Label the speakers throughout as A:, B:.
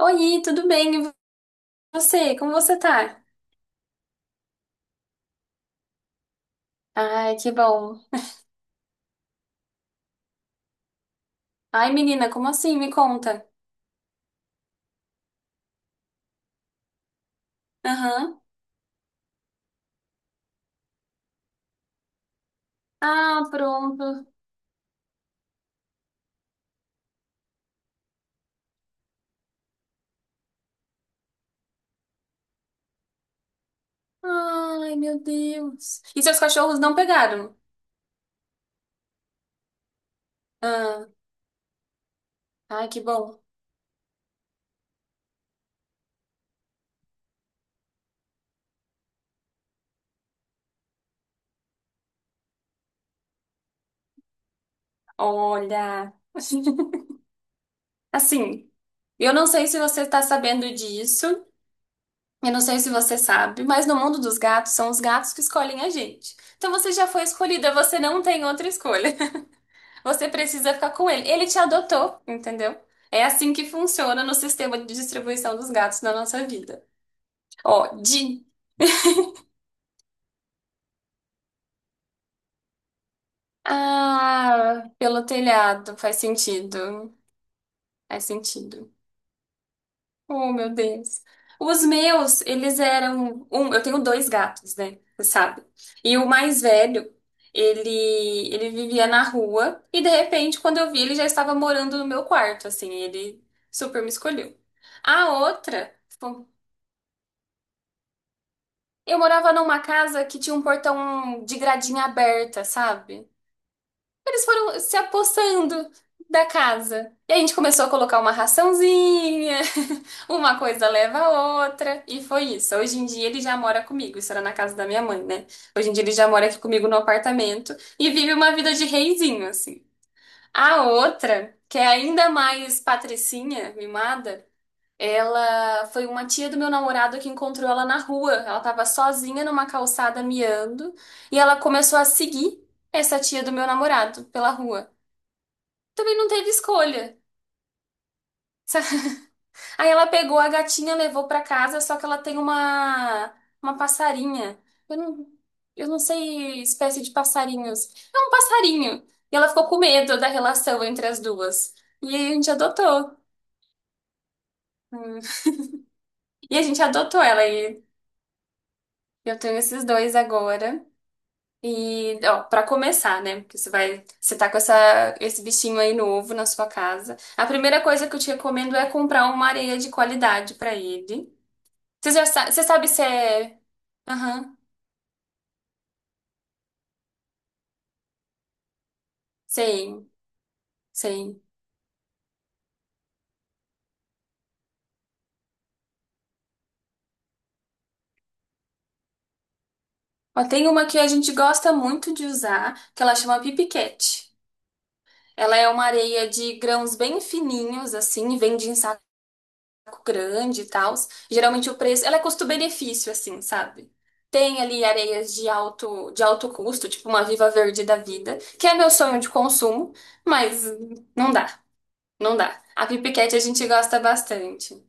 A: Oi, tudo bem? E você? Como você tá? Ai, que bom. Ai, menina, como assim? Me conta. Aham. Ah, pronto. Ai, meu Deus. E seus cachorros não pegaram? Ah, ai, que bom. Olha. Assim, eu não sei se você está sabendo disso, eu não sei se você sabe, mas no mundo dos gatos são os gatos que escolhem a gente. Então você já foi escolhida, você não tem outra escolha. Você precisa ficar com ele. Ele te adotou, entendeu? É assim que funciona no sistema de distribuição dos gatos na nossa vida. Ó, de. Ah, pelo telhado, faz sentido. Faz sentido. Oh, meu Deus. Os meus, eles eram. Um, eu tenho dois gatos, né? Você sabe? E o mais velho, ele, ele vivia na rua. E de repente, quando eu vi, ele já estava morando no meu quarto, assim. Ele super me escolheu. A outra. Eu morava numa casa que tinha um portão de gradinha aberta, sabe? Eles foram se apossando da casa. E a gente começou a colocar uma raçãozinha, uma coisa leva a outra, e foi isso. Hoje em dia ele já mora comigo, isso era na casa da minha mãe, né? Hoje em dia ele já mora aqui comigo no apartamento e vive uma vida de reizinho, assim. A outra, que é ainda mais patricinha, mimada, ela foi uma tia do meu namorado que encontrou ela na rua. Ela estava sozinha numa calçada miando e ela começou a seguir essa tia do meu namorado pela rua. Também não teve escolha. Aí ela pegou a gatinha, levou para casa, só que ela tem uma passarinha. Eu não, eu não sei espécie de passarinhos. É um passarinho. E ela ficou com medo da relação entre as duas. E aí a gente adotou. Hum. E a gente adotou ela e eu tenho esses dois agora. E, ó, para começar, né? Porque você tá com esse bichinho aí novo na sua casa. A primeira coisa que eu te recomendo é comprar uma areia de qualidade para ele. Você sabe se é. Aham, sei, sei. Ó, tem uma que a gente gosta muito de usar, que ela chama Pipiquete. Ela é uma areia de grãos bem fininhos, assim, vende em grande e tal. Geralmente o preço, ela é custo-benefício, assim, sabe? Tem ali areias de alto custo, tipo uma Viva Verde da vida, que é meu sonho de consumo, mas não dá, não dá. A Pipiquete a gente gosta bastante.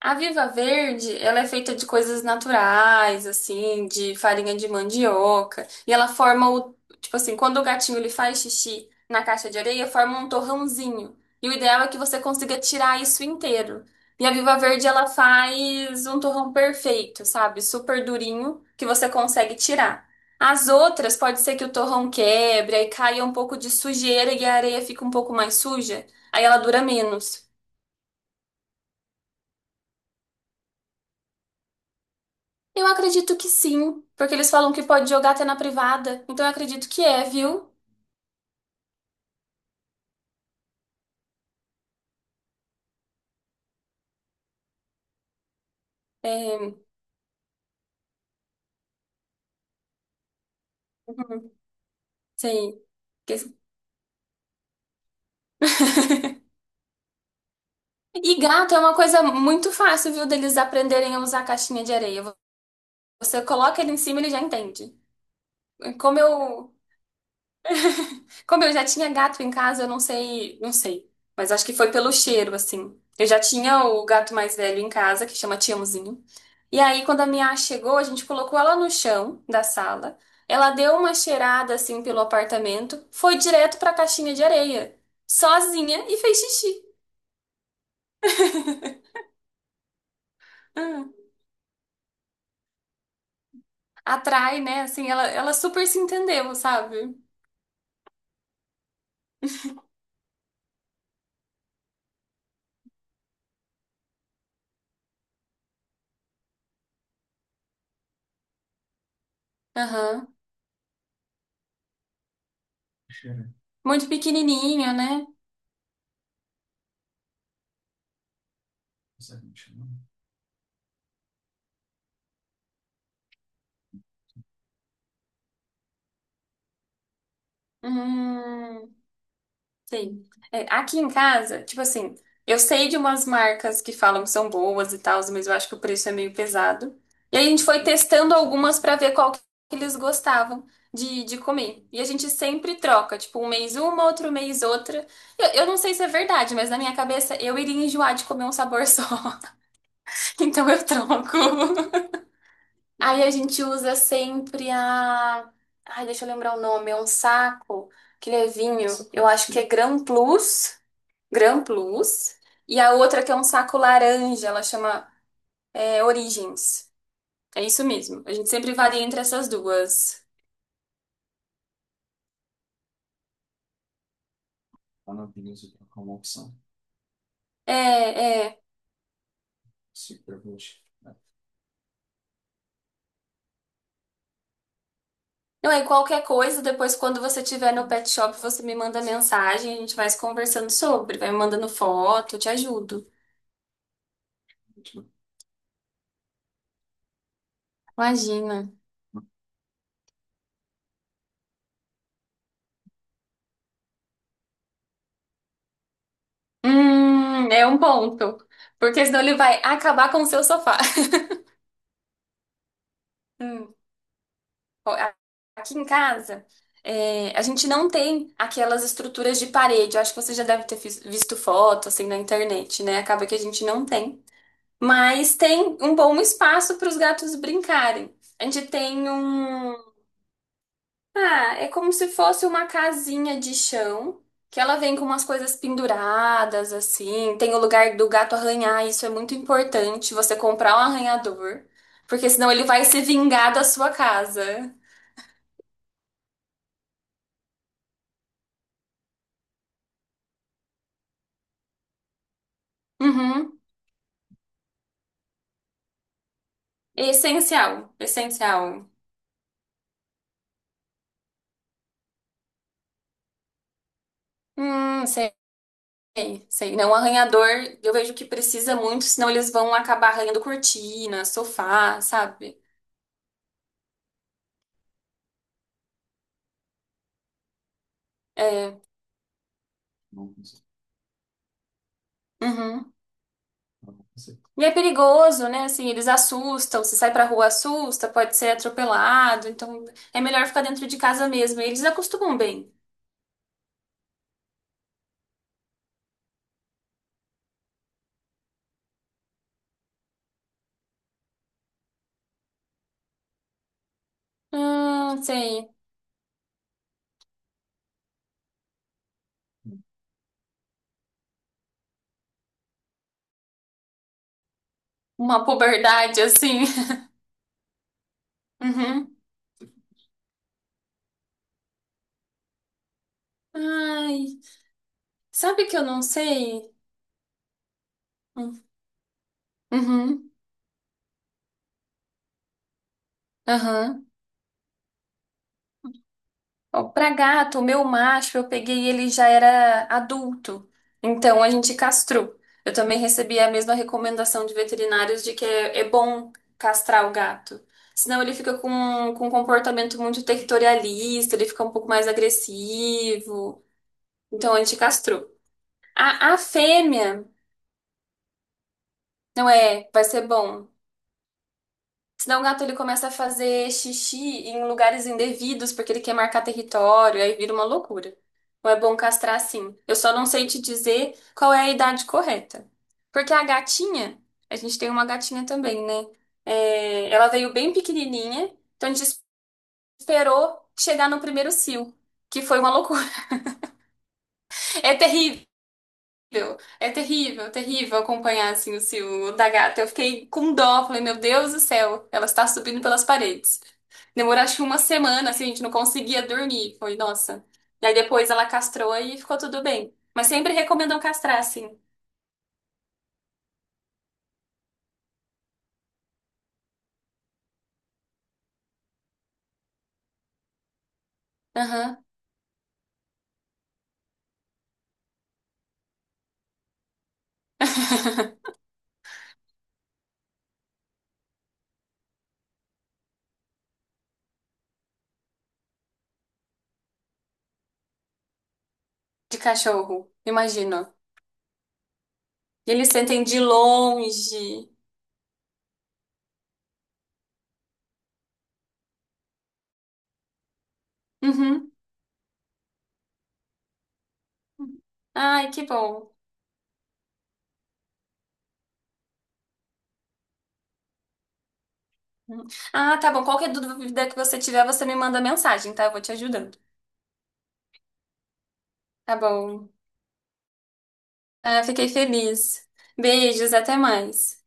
A: A Viva Verde, ela é feita de coisas naturais, assim, de farinha de mandioca, e ela forma o, tipo assim, quando o gatinho ele faz xixi na caixa de areia, forma um torrãozinho. E o ideal é que você consiga tirar isso inteiro. E a Viva Verde, ela faz um torrão perfeito, sabe? Super durinho, que você consegue tirar. As outras, pode ser que o torrão quebre, aí caia um pouco de sujeira e a areia fica um pouco mais suja, aí ela dura menos. Eu acredito que sim, porque eles falam que pode jogar até na privada. Então eu acredito que é, viu? É, uhum, sim. Que- E gato é uma coisa muito fácil, viu, deles aprenderem a usar a caixinha de areia. Você coloca ele em cima, ele já entende. Como eu Como eu já tinha gato em casa, eu não sei, não sei. Mas acho que foi pelo cheiro, assim. Eu já tinha o gato mais velho em casa, que chama Tiãozinho. E aí, quando a minha chegou, a gente colocou ela no chão da sala. Ela deu uma cheirada, assim, pelo apartamento. Foi direto pra caixinha de areia. Sozinha e fez xixi. Hum. Atrai, né? Assim, ela super se entendeu, sabe? Aham. Muito pequenininha, né? Hum. Sim. É, aqui em casa, tipo assim, eu sei de umas marcas que falam que são boas e tal, mas eu acho que o preço é meio pesado. E aí a gente foi testando algumas pra ver qual que eles gostavam de comer. E a gente sempre troca, tipo, um mês uma, outro mês outra. Eu não sei se é verdade, mas na minha cabeça eu iria enjoar de comer um sabor só. Então eu troco. Aí a gente usa sempre a. Ai, deixa eu lembrar o nome, é um saco que ele é vinho. Eu acho que é Gran Plus. Gran Plus. E a outra que é um saco laranja, ela chama é, Origins. É isso mesmo. A gente sempre varia entre essas duas. É, é. Não é qualquer coisa, depois quando você estiver no pet shop, você me manda mensagem, a gente vai se conversando sobre, vai me mandando foto, eu te ajudo. Imagina. É um ponto. Porque senão ele vai acabar com o seu sofá. Ó, a- Aqui em casa, é, a gente não tem aquelas estruturas de parede. Eu acho que você já deve ter fis- visto foto assim na internet, né? Acaba que a gente não tem. Mas tem um bom espaço para os gatos brincarem. A gente tem um. Ah, é como se fosse uma casinha de chão, que ela vem com umas coisas penduradas, assim. Tem o lugar do gato arranhar, isso é muito importante. Você comprar um arranhador, porque senão ele vai se vingar da sua casa. Uhum. Essencial, essencial. Sei, sei. Não, arranhador, eu vejo que precisa muito, senão eles vão acabar arranhando cortina, sofá, sabe? É, uhum. E é perigoso, né? Assim, eles assustam, se sai pra rua assusta, pode ser atropelado, então é melhor ficar dentro de casa mesmo. Eles acostumam bem. Sei. Uma puberdade assim. Uhum. Ai, sabe que eu não sei? Uhum. Uhum. Ó, pra gato, o meu macho, eu peguei ele já era adulto, então a gente castrou. Eu também recebi a mesma recomendação de veterinários de é bom castrar o gato. Senão ele fica com um comportamento muito territorialista, ele fica um pouco mais agressivo. Então a gente castrou. A fêmea, não é, vai ser bom. Senão o gato ele começa a fazer xixi em lugares indevidos porque ele quer marcar território, aí vira uma loucura. Então é bom castrar sim. Eu só não sei te dizer qual é a idade correta. Porque a gatinha, a gente tem uma gatinha também, né? É, ela veio bem pequenininha, então a gente esperou chegar no primeiro cio, que foi uma loucura. É é terrível acompanhar assim o ciúme da gata. Eu fiquei com dó, falei, meu Deus do céu, ela está subindo pelas paredes. Demorou acho que uma semana, assim, a gente não conseguia dormir. Foi, nossa. Daí depois ela castrou e ficou tudo bem. Mas sempre recomendam castrar, assim. Aham. De cachorro, imagino. Eles sentem de longe. Uhum. Ai, que bom. Uhum. Ah, tá bom. Qualquer dúvida que você tiver, você me manda mensagem, tá? Eu vou te ajudando. Tá bom. Ah, fiquei feliz. Beijos, até mais.